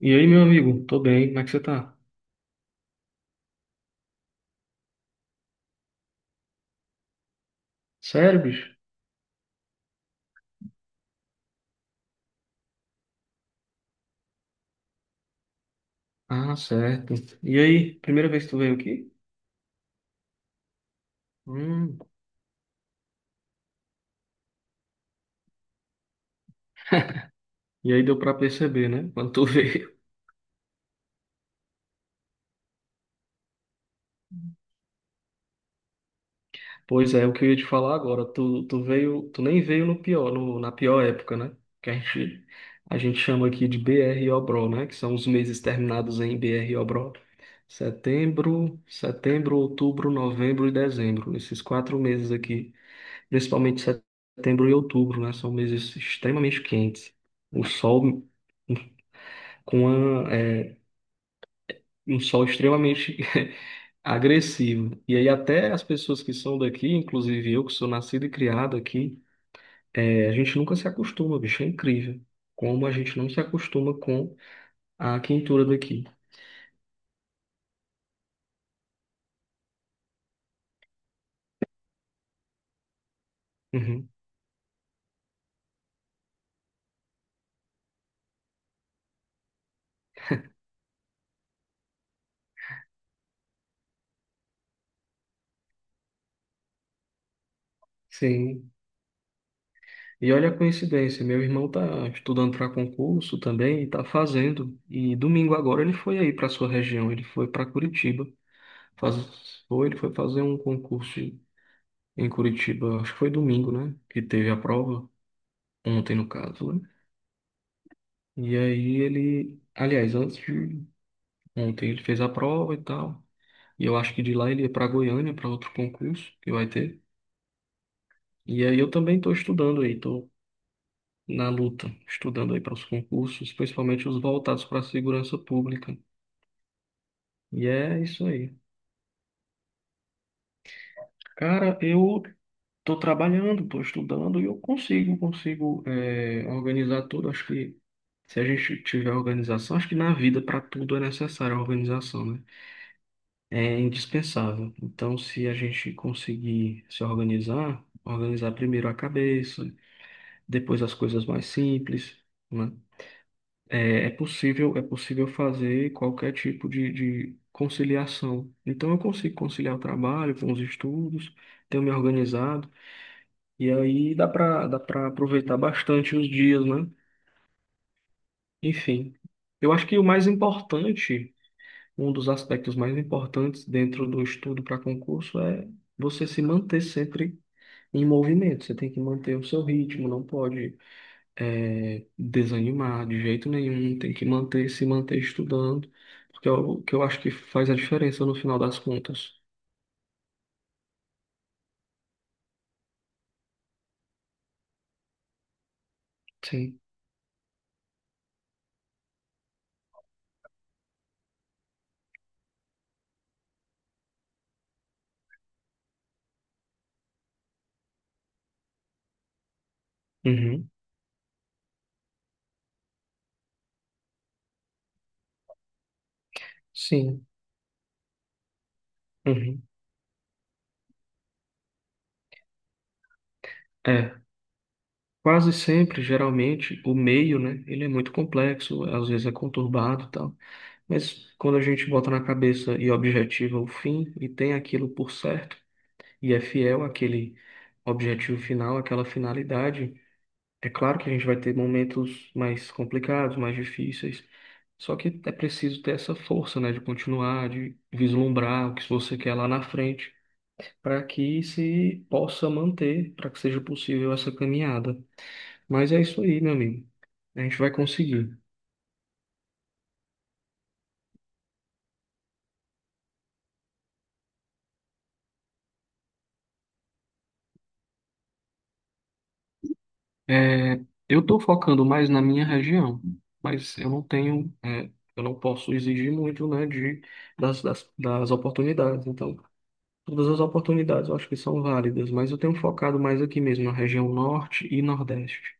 E aí, meu amigo? Tô bem, como é que você tá? Sério, bicho? Ah, certo. E aí, primeira vez que tu veio aqui? Hum, e aí deu pra perceber, né? Quando tu veio. Pois é, o que eu ia te falar agora, tu veio, tu nem veio no pior, na pior época, né? Que a gente, a gente chama aqui de BR Obró, né? Que são os meses terminados em BR Obró. Setembro, setembro, outubro, novembro e dezembro. Esses quatro meses aqui. Principalmente setembro e outubro, né? São meses extremamente quentes. O sol com uma, um sol extremamente agressivo. E aí até as pessoas que são daqui, inclusive eu que sou nascido e criado aqui, a gente nunca se acostuma, bicho, é incrível. Como a gente não se acostuma com a quentura daqui. Uhum. Sim. E olha a coincidência, meu irmão tá estudando para concurso também e tá fazendo. E domingo agora ele foi aí para sua região, ele foi para Curitiba. Faz... Foi, ele foi fazer um concurso em Curitiba, acho que foi domingo, né? Que teve a prova, ontem no caso, né? E aí ele, aliás, antes de ontem ele fez a prova e tal. E eu acho que de lá ele ia para Goiânia para outro concurso que vai ter. E aí eu também estou estudando aí, estou na luta, estudando aí para os concursos, principalmente os voltados para a segurança pública. E é isso aí. Cara, eu estou trabalhando, estou estudando e eu consigo organizar tudo. Acho que se a gente tiver organização, acho que na vida para tudo é necessária a organização, né? É indispensável. Então, se a gente conseguir se organizar, organizar primeiro a cabeça, depois as coisas mais simples, né? É possível fazer qualquer tipo de conciliação. Então, eu consigo conciliar o trabalho com os estudos, tenho me organizado. E aí dá para aproveitar bastante os dias, né? Enfim, eu acho que o mais importante, um dos aspectos mais importantes dentro do estudo para concurso é você se manter sempre em movimento. Você tem que manter o seu ritmo, não pode desanimar de jeito nenhum. Tem que manter, se manter estudando, porque é o que eu acho que faz a diferença no final das contas. Sim. Uhum. Sim. Uhum. É. Quase sempre, geralmente, o meio, né? Ele é muito complexo, às vezes é conturbado e tal. Mas quando a gente bota na cabeça e objetiva o fim e tem aquilo por certo e é fiel àquele objetivo final, àquela finalidade, é claro que a gente vai ter momentos mais complicados, mais difíceis. Só que é preciso ter essa força, né? De continuar, de vislumbrar o que você quer lá na frente, para que se possa manter, para que seja possível essa caminhada. Mas é isso aí, meu amigo. A gente vai conseguir. É, eu estou focando mais na minha região, mas eu não tenho, é, eu não posso exigir muito, né, de, das oportunidades. Então, todas as oportunidades eu acho que são válidas, mas eu tenho focado mais aqui mesmo, na região norte e nordeste.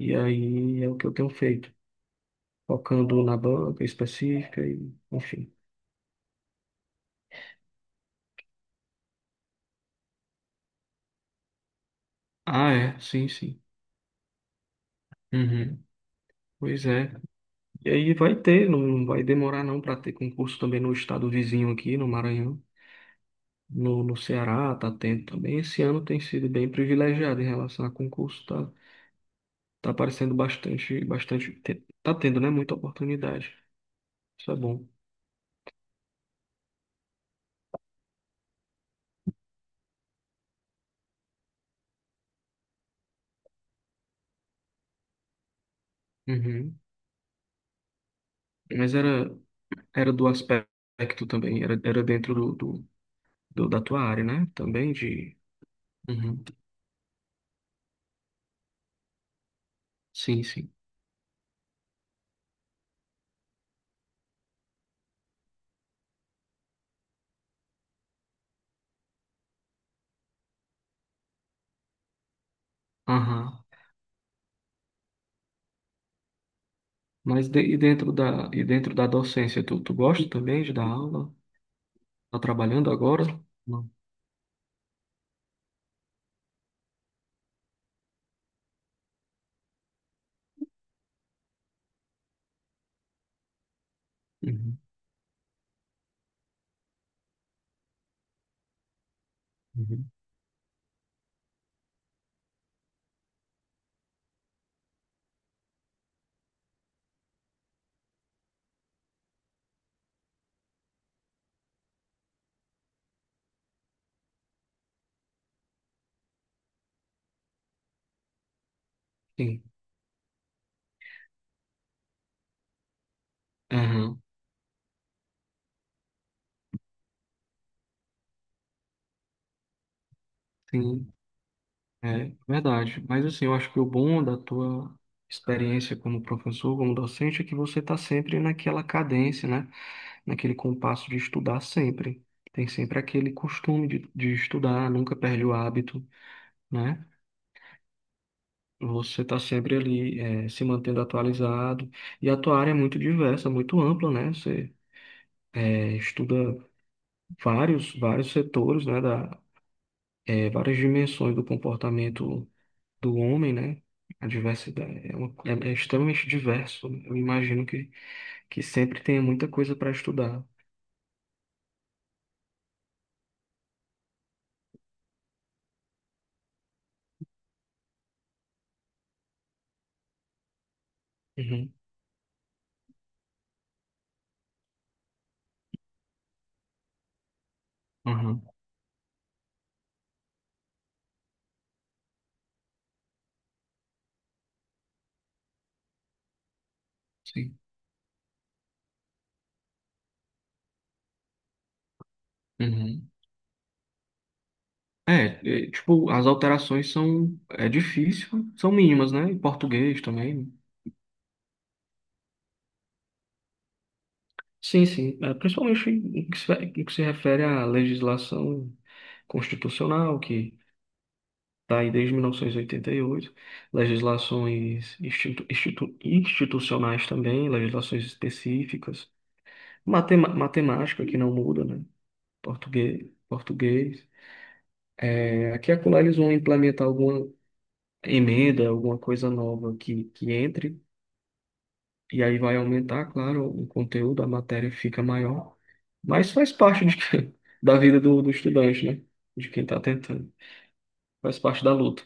E aí é o que eu tenho feito, focando na banca específica e, enfim. Ah, é, sim, sim. Uhum. Pois é. E aí vai ter, não vai demorar não para ter concurso também no estado vizinho aqui, no Maranhão, no Ceará, tá tendo também. Esse ano tem sido bem privilegiado em relação a concurso, tá, tá aparecendo bastante, tá tendo, né, muita oportunidade. Isso é bom. Uhum. Mas era, era dentro do, do, da tua área, né? Também de. Uhum. Sim, sim. Aham. Dentro da, e dentro da docência, tu gosta também de dar aula? Tá trabalhando agora? Não. Uhum, uhum. Sim. Aham, sim, é verdade. Mas assim, eu acho que o bom da tua experiência como professor, como docente, é que você está sempre naquela cadência, né? Naquele compasso de estudar sempre. Tem sempre aquele costume de estudar, nunca perde o hábito, né? Você está sempre ali, é, se mantendo atualizado. E a tua área é muito diversa, muito ampla, né? Você, é, estuda vários setores, né, da, é, várias dimensões do comportamento do homem, né? A diversidade é extremamente diverso. Eu imagino que sempre tenha muita coisa para estudar. Uhum, uhum, sim. Uhum. É, é, tipo, as alterações são, é difícil, são mínimas, né? Em português também. Sim, sim. É, principalmente no que se refere à legislação constitucional, que tá aí desde 1988 legislações institucionais também, legislações específicas. Matemática que não muda, né? Português, português. É, aqui e acolá eles vão implementar alguma emenda, alguma coisa nova que entre, e aí vai aumentar, claro, o conteúdo, a matéria fica maior, mas faz parte de da vida do, do estudante, né? De quem está tentando. Faz parte da luta.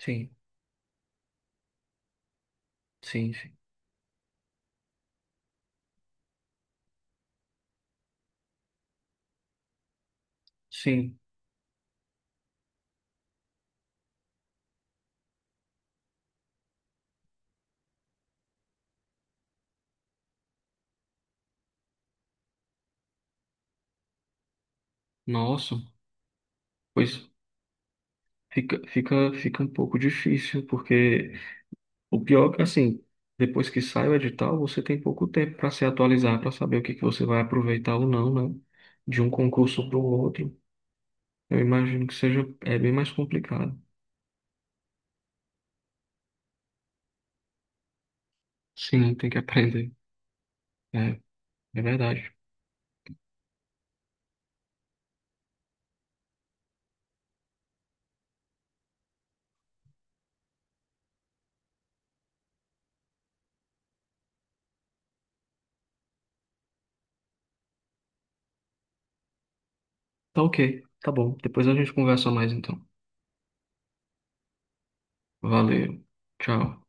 Sim, sim, sim. Sim. Nossa. Pois fica um pouco difícil, porque o pior é que, assim, depois que sai o edital, você tem pouco tempo para se atualizar, para saber o que que você vai aproveitar ou não, né? De um concurso para o outro. Eu imagino que seja, é bem mais complicado. Sim, tem que aprender. É, é verdade. Tá ok, tá bom. Depois a gente conversa mais então. Valeu. Tchau.